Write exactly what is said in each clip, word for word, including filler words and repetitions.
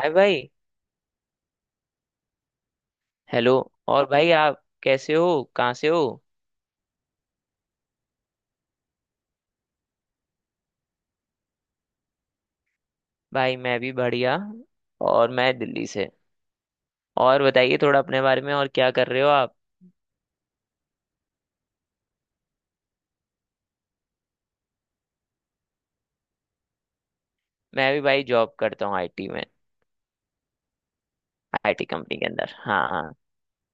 हाय भाई। हेलो। और भाई आप कैसे हो, कहाँ से हो? भाई मैं भी बढ़िया, और मैं दिल्ली से। और बताइए थोड़ा अपने बारे में, और क्या कर रहे हो आप? मैं भी भाई जॉब करता हूँ, आईटी में। आईटी कंपनी के अंदर, हाँ हाँ।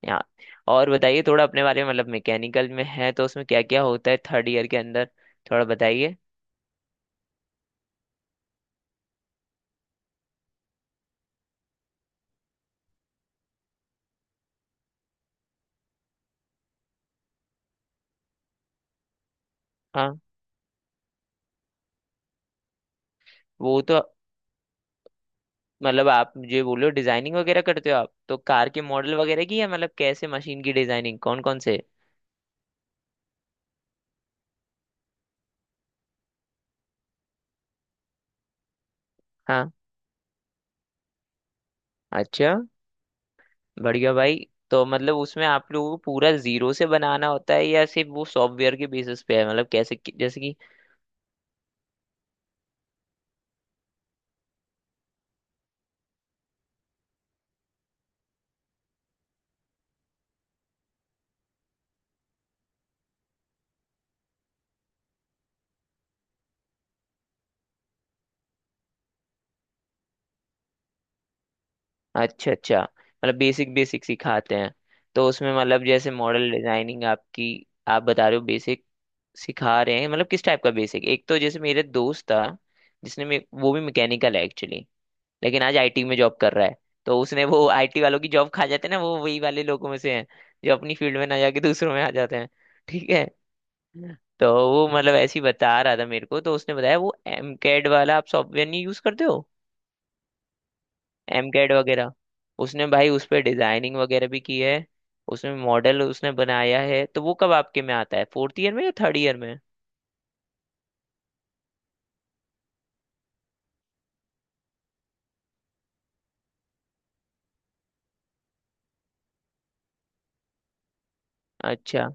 यहाँ। और बताइए थोड़ा अपने बारे में, मतलब मैकेनिकल में है तो उसमें क्या क्या होता है थर्ड ईयर के अंदर, थोड़ा बताइए। हाँ, वो तो मतलब आप मुझे बोलो, डिजाइनिंग वगैरह करते हो आप तो कार के मॉडल वगैरह की, या मतलब कैसे मशीन की डिजाइनिंग, कौन कौन से? हाँ। अच्छा, बढ़िया भाई। तो मतलब उसमें आप लोगों को पूरा जीरो से बनाना होता है या सिर्फ वो सॉफ्टवेयर के बेसिस पे है, मतलब कैसे कि- जैसे कि। अच्छा अच्छा, मतलब बेसिक बेसिक सिखाते हैं। तो उसमें मतलब जैसे मॉडल डिजाइनिंग आपकी, आप बता रहे हो बेसिक सिखा रहे हैं, मतलब किस टाइप का बेसिक? एक तो जैसे मेरे दोस्त था, जिसने मे- वो भी मैकेनिकल है एक्चुअली, लेकिन आज आईटी में जॉब कर रहा है। तो उसने, वो आईटी वालों की जॉब खा जाते हैं ना, वो वही वाले लोगों में से हैं जो अपनी फील्ड में ना जाके दूसरों में आ जाते हैं। ठीक है। तो वो मतलब ऐसे ही बता रहा था मेरे को, तो उसने बताया वो एम कैड वाला आप सॉफ्टवेयर नहीं यूज करते हो, एम कैड वगैरह? उसने भाई उस पर डिजाइनिंग वगैरह भी की है, उसमें मॉडल उसने बनाया है। तो वो कब आपके में आता है, फोर्थ ईयर में या थर्ड ईयर में? अच्छा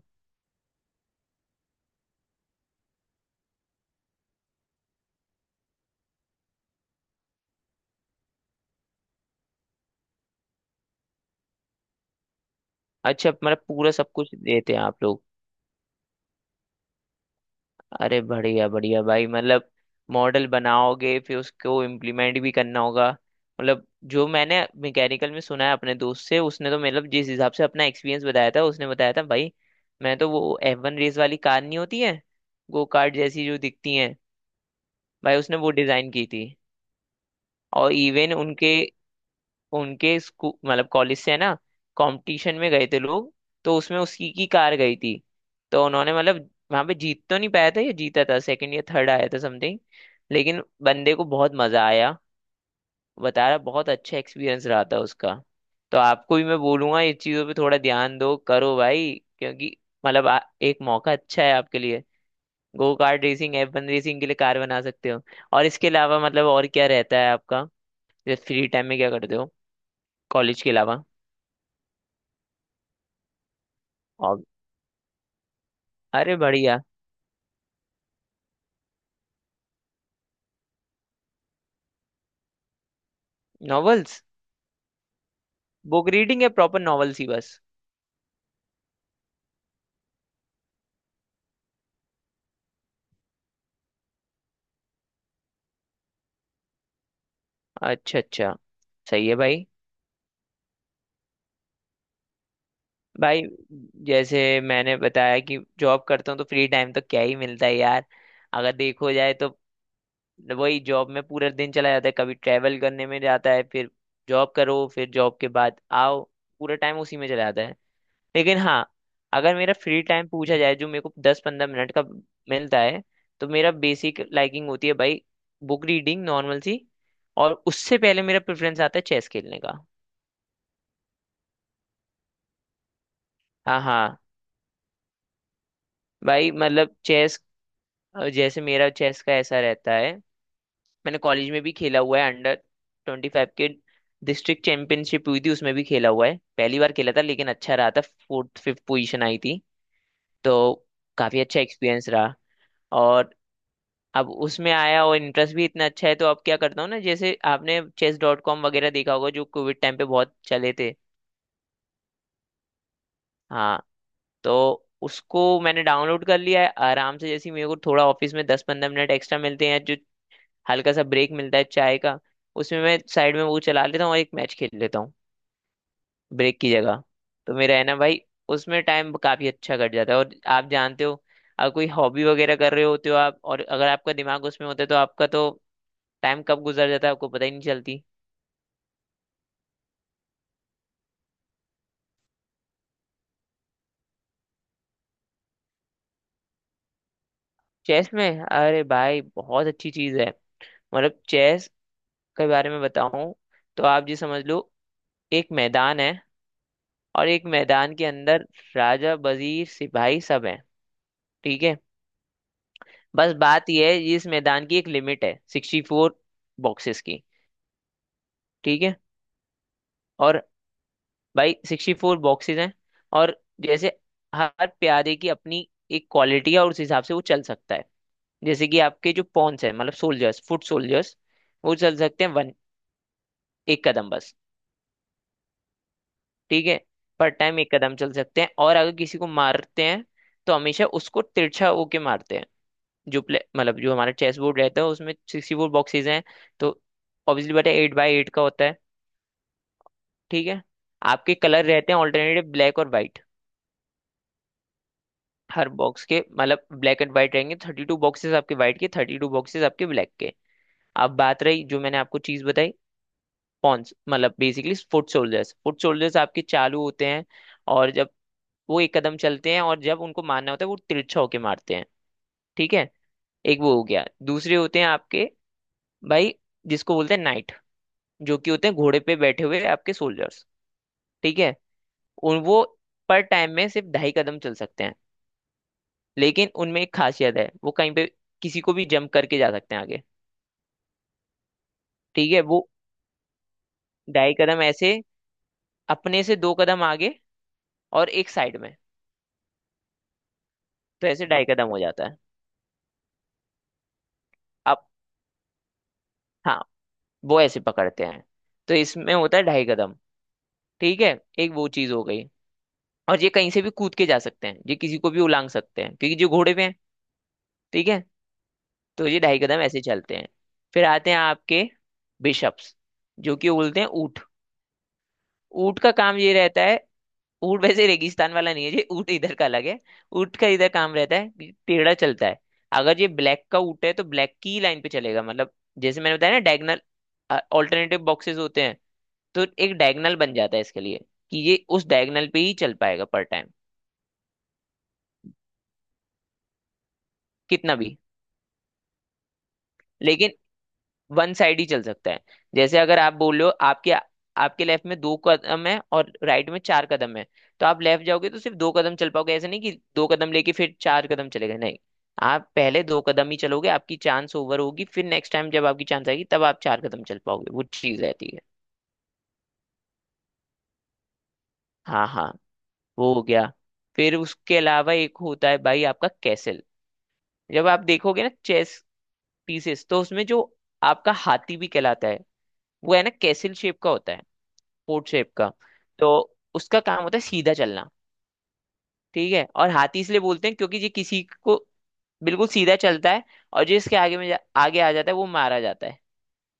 अच्छा, मतलब पूरा सब कुछ देते हैं आप लोग। अरे बढ़िया बढ़िया भाई। मतलब मॉडल बनाओगे, फिर उसको इम्प्लीमेंट भी करना होगा। मतलब जो मैंने मैकेनिकल में सुना है अपने दोस्त से, उसने तो मतलब जिस हिसाब से अपना एक्सपीरियंस बताया था, उसने बताया था भाई। मैं तो, वो एफ वन रेस वाली कार नहीं होती है, गो कार्ट जैसी जो दिखती हैं, भाई उसने वो डिजाइन की थी। और इवन उनके, उनके स्कूल मतलब कॉलेज से है ना, कंपटीशन में गए थे लोग। तो उसमें उसकी की कार गई थी। तो उन्होंने मतलब वहां पे जीत तो नहीं पाया था, या जीता था, सेकंड या थर्ड आया था समथिंग। लेकिन बंदे को बहुत मजा आया, बता रहा बहुत अच्छा एक्सपीरियंस रहा था उसका। तो आपको भी मैं बोलूंगा, इस चीजों पे थोड़ा ध्यान दो करो भाई, क्योंकि मतलब आ, एक मौका अच्छा है आपके लिए। Go kart racing, F one racing के लिए कार बना सकते हो। और इसके अलावा मतलब और क्या रहता है आपका, जैसे फ्री टाइम में क्या करते हो कॉलेज के अलावा? अरे बढ़िया। नॉवेल्स, बुक रीडिंग है, प्रॉपर नॉवेल्स ही बस? अच्छा अच्छा, सही है भाई। भाई, जैसे मैंने बताया कि जॉब करता हूँ तो फ्री टाइम तो क्या ही मिलता है यार, अगर देखो जाए तो। वही जॉब में पूरा दिन चला जाता है, कभी ट्रैवल करने में जाता है, फिर जॉब करो फिर जॉब के बाद आओ, पूरा टाइम उसी में चला जाता है। लेकिन हाँ, अगर मेरा फ्री टाइम पूछा जाए जो मेरे को दस पंद्रह मिनट का मिलता है, तो मेरा बेसिक लाइकिंग होती है भाई बुक रीडिंग, नॉर्मल सी। और उससे पहले मेरा प्रेफरेंस आता है चेस खेलने का। हाँ हाँ भाई, मतलब चेस। जैसे मेरा चेस का ऐसा रहता है, मैंने कॉलेज में भी खेला हुआ है, अंडर ट्वेंटी फाइव के डिस्ट्रिक्ट चैंपियनशिप हुई थी उसमें भी खेला हुआ है। पहली बार खेला था लेकिन अच्छा रहा था, फोर्थ फिफ्थ पोजीशन आई थी। तो काफी अच्छा एक्सपीरियंस रहा। और अब उसमें आया और इंटरेस्ट भी इतना अच्छा है, तो अब क्या करता हूँ ना, जैसे आपने चेस डॉट कॉम वगैरह देखा होगा जो कोविड टाइम पे बहुत चले थे। हाँ। तो उसको मैंने डाउनलोड कर लिया है आराम से, जैसे ही मेरे को थोड़ा ऑफिस में दस पंद्रह मिनट एक्स्ट्रा मिलते हैं, जो हल्का सा ब्रेक मिलता है चाय का, उसमें मैं साइड में वो चला लेता हूँ और एक मैच खेल लेता हूँ ब्रेक की जगह। तो मेरा है ना भाई, उसमें टाइम काफी अच्छा कट जाता है। और आप जानते हो, अगर कोई हॉबी वगैरह कर रहे होते हो आप और अगर आपका दिमाग उसमें होता है, तो आपका तो टाइम कब गुजर जाता है आपको पता ही नहीं चलती। चेस में, अरे भाई बहुत अच्छी चीज है। मतलब चेस के बारे में बताऊं तो आप जी समझ लो, एक मैदान है और एक मैदान के अंदर राजा, वजीर, सिपाही सब हैं। ठीक है। बस बात यह है, इस मैदान की एक लिमिट है, सिक्सटी फोर बॉक्सेस की। ठीक है। और भाई सिक्सटी फोर बॉक्सेस हैं। और जैसे हर प्यादे की अपनी एक क्वालिटी है और उस हिसाब से वो चल सकता है। जैसे कि आपके जो पॉन्स है, मतलब सोल्जर्स, फुट सोल्जर्स, वो चल सकते हैं वन, एक कदम बस। ठीक है। पर टाइम एक कदम चल सकते हैं, और अगर किसी को मारते हैं तो हमेशा उसको तिरछा होके मारते हैं। जो प्ले मतलब जो हमारा चेस बोर्ड रहता है, उसमें सिक्सटी फोर बॉक्सेज हैं। तो ऑब्वियसली बेटा एट बाई एट का होता है। ठीक है। आपके कलर रहते हैं ऑल्टरनेटिव, ब्लैक और वाइट। हर बॉक्स के, मतलब ब्लैक एंड वाइट रहेंगे, थर्टी टू बॉक्सेज आपके वाइट के, थर्टी टू बॉक्सेज आपके ब्लैक के। अब बात रही जो मैंने आपको चीज बताई, पॉन्स मतलब basically foot soldiers, foot soldiers आपके चालू होते हैं। और जब वो एक कदम चलते हैं और जब उनको मारना होता है वो तिरछा होके मारते हैं। ठीक है। एक वो हो गया। दूसरे होते हैं आपके भाई जिसको बोलते हैं नाइट, जो कि होते हैं घोड़े पे बैठे हुए आपके सोल्जर्स। ठीक है। उन वो पर टाइम में सिर्फ ढाई कदम चल सकते हैं। लेकिन उनमें एक खासियत है, वो कहीं पे किसी को भी जंप करके जा सकते हैं आगे। ठीक है। वो ढाई कदम ऐसे, अपने से दो कदम आगे और एक साइड में, तो ऐसे ढाई कदम हो जाता है। अब हाँ, वो ऐसे पकड़ते हैं। तो इसमें होता है ढाई कदम। ठीक है। एक वो चीज हो गई। और ये कहीं से भी कूद के जा सकते हैं, ये किसी को भी उलांग सकते हैं क्योंकि जो घोड़े पे हैं। ठीक है। तो ये ढाई कदम ऐसे चलते हैं। फिर आते हैं आपके बिशप्स, जो कि बोलते हैं ऊँट। ऊँट का काम ये रहता है, ऊँट वैसे रेगिस्तान वाला नहीं है, ये ऊँट इधर का अलग है। ऊँट का इधर काम रहता है कि टेढ़ा चलता है। अगर ये ब्लैक का ऊँट है तो ब्लैक की लाइन पे चलेगा, मतलब जैसे मैंने बताया ना, डायगनल ऑल्टरनेटिव बॉक्सेस होते हैं। तो एक डायगनल बन जाता है इसके लिए कि ये उस डायगनल पे ही चल पाएगा पर टाइम। कितना भी, लेकिन वन साइड ही चल सकता है। जैसे अगर आप बोल रहे हो आपके, आपके लेफ्ट में दो कदम है और राइट में चार कदम है, तो आप लेफ्ट जाओगे तो सिर्फ दो कदम चल पाओगे। ऐसे नहीं कि दो कदम लेके फिर चार कदम चले गए, नहीं। आप पहले दो कदम ही चलोगे, आपकी चांस ओवर होगी, फिर नेक्स्ट टाइम जब आपकी चांस आएगी तब आप चार कदम चल पाओगे, वो चीज रहती है। हाँ हाँ। वो हो गया। फिर उसके अलावा एक होता है भाई आपका कैसल। जब आप देखोगे ना चेस पीसेस, तो उसमें जो आपका हाथी भी कहलाता है, वो है ना कैसल शेप का होता है, पोर्ट शेप का। तो उसका काम होता है सीधा चलना। ठीक है। और हाथी इसलिए बोलते हैं क्योंकि ये किसी को बिल्कुल सीधा चलता है, और जिसके आगे में जा, आगे आ जाता है वो मारा जाता है।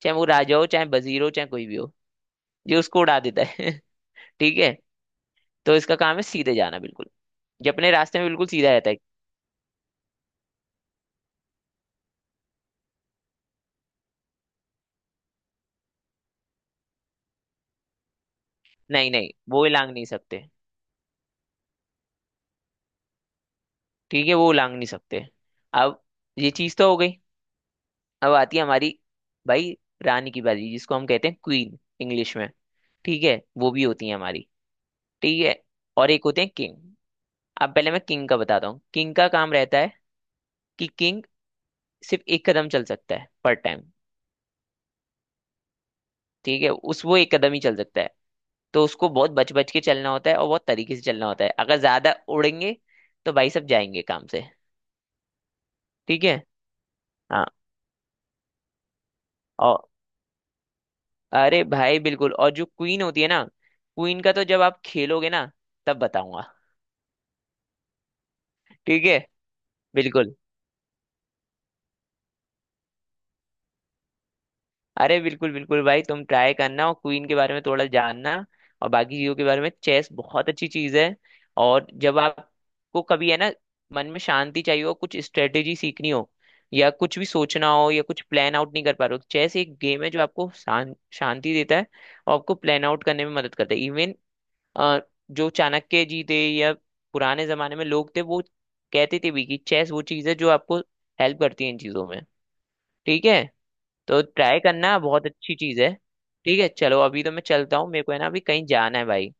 चाहे वो राजा हो, चाहे वजीर हो, चाहे कोई भी हो, ये उसको उड़ा देता है ठीक है। तो इसका काम है सीधे जाना बिल्कुल। ये अपने रास्ते में बिल्कुल सीधा रहता है। नहीं नहीं, वो लांग नहीं सकते। ठीक है, वो लांग नहीं सकते। अब ये चीज तो हो गई। अब आती है हमारी भाई रानी की बारी, जिसको हम कहते हैं क्वीन इंग्लिश में। ठीक है, वो भी होती है हमारी। ठीक है। और एक होते हैं किंग। अब पहले मैं किंग का बताता हूँ, किंग का काम रहता है कि किंग सिर्फ एक कदम चल सकता है पर टाइम। ठीक है। उस वो एक कदम ही चल सकता है। तो उसको बहुत बच बच के चलना होता है और बहुत तरीके से चलना होता है, अगर ज्यादा उड़ेंगे तो भाई सब जाएंगे काम से। ठीक है। हाँ। और अरे भाई बिल्कुल। और जो क्वीन होती है ना, क्वीन का तो जब आप खेलोगे ना तब बताऊंगा। ठीक है, बिल्कुल। अरे बिल्कुल बिल्कुल भाई, तुम ट्राई करना और क्वीन के बारे में थोड़ा जानना। और बाकी चीजों के बारे में, चेस बहुत अच्छी चीज है। और जब आपको कभी है ना मन में शांति चाहिए हो, कुछ स्ट्रेटेजी सीखनी हो या कुछ भी सोचना हो, या कुछ प्लान आउट नहीं कर पा रहे हो, चेस एक गेम है जो आपको शां, शांति देता है। और आपको प्लान आउट करने में मदद करता है इवन। जो चाणक्य जी थे या पुराने जमाने में लोग थे, वो कहते थे भी कि चेस वो चीज है जो आपको हेल्प करती है इन चीजों में। ठीक है। तो ट्राई करना, बहुत अच्छी चीज है। ठीक है चलो, अभी तो मैं चलता हूँ, मेरे को है ना अभी कहीं जाना है भाई।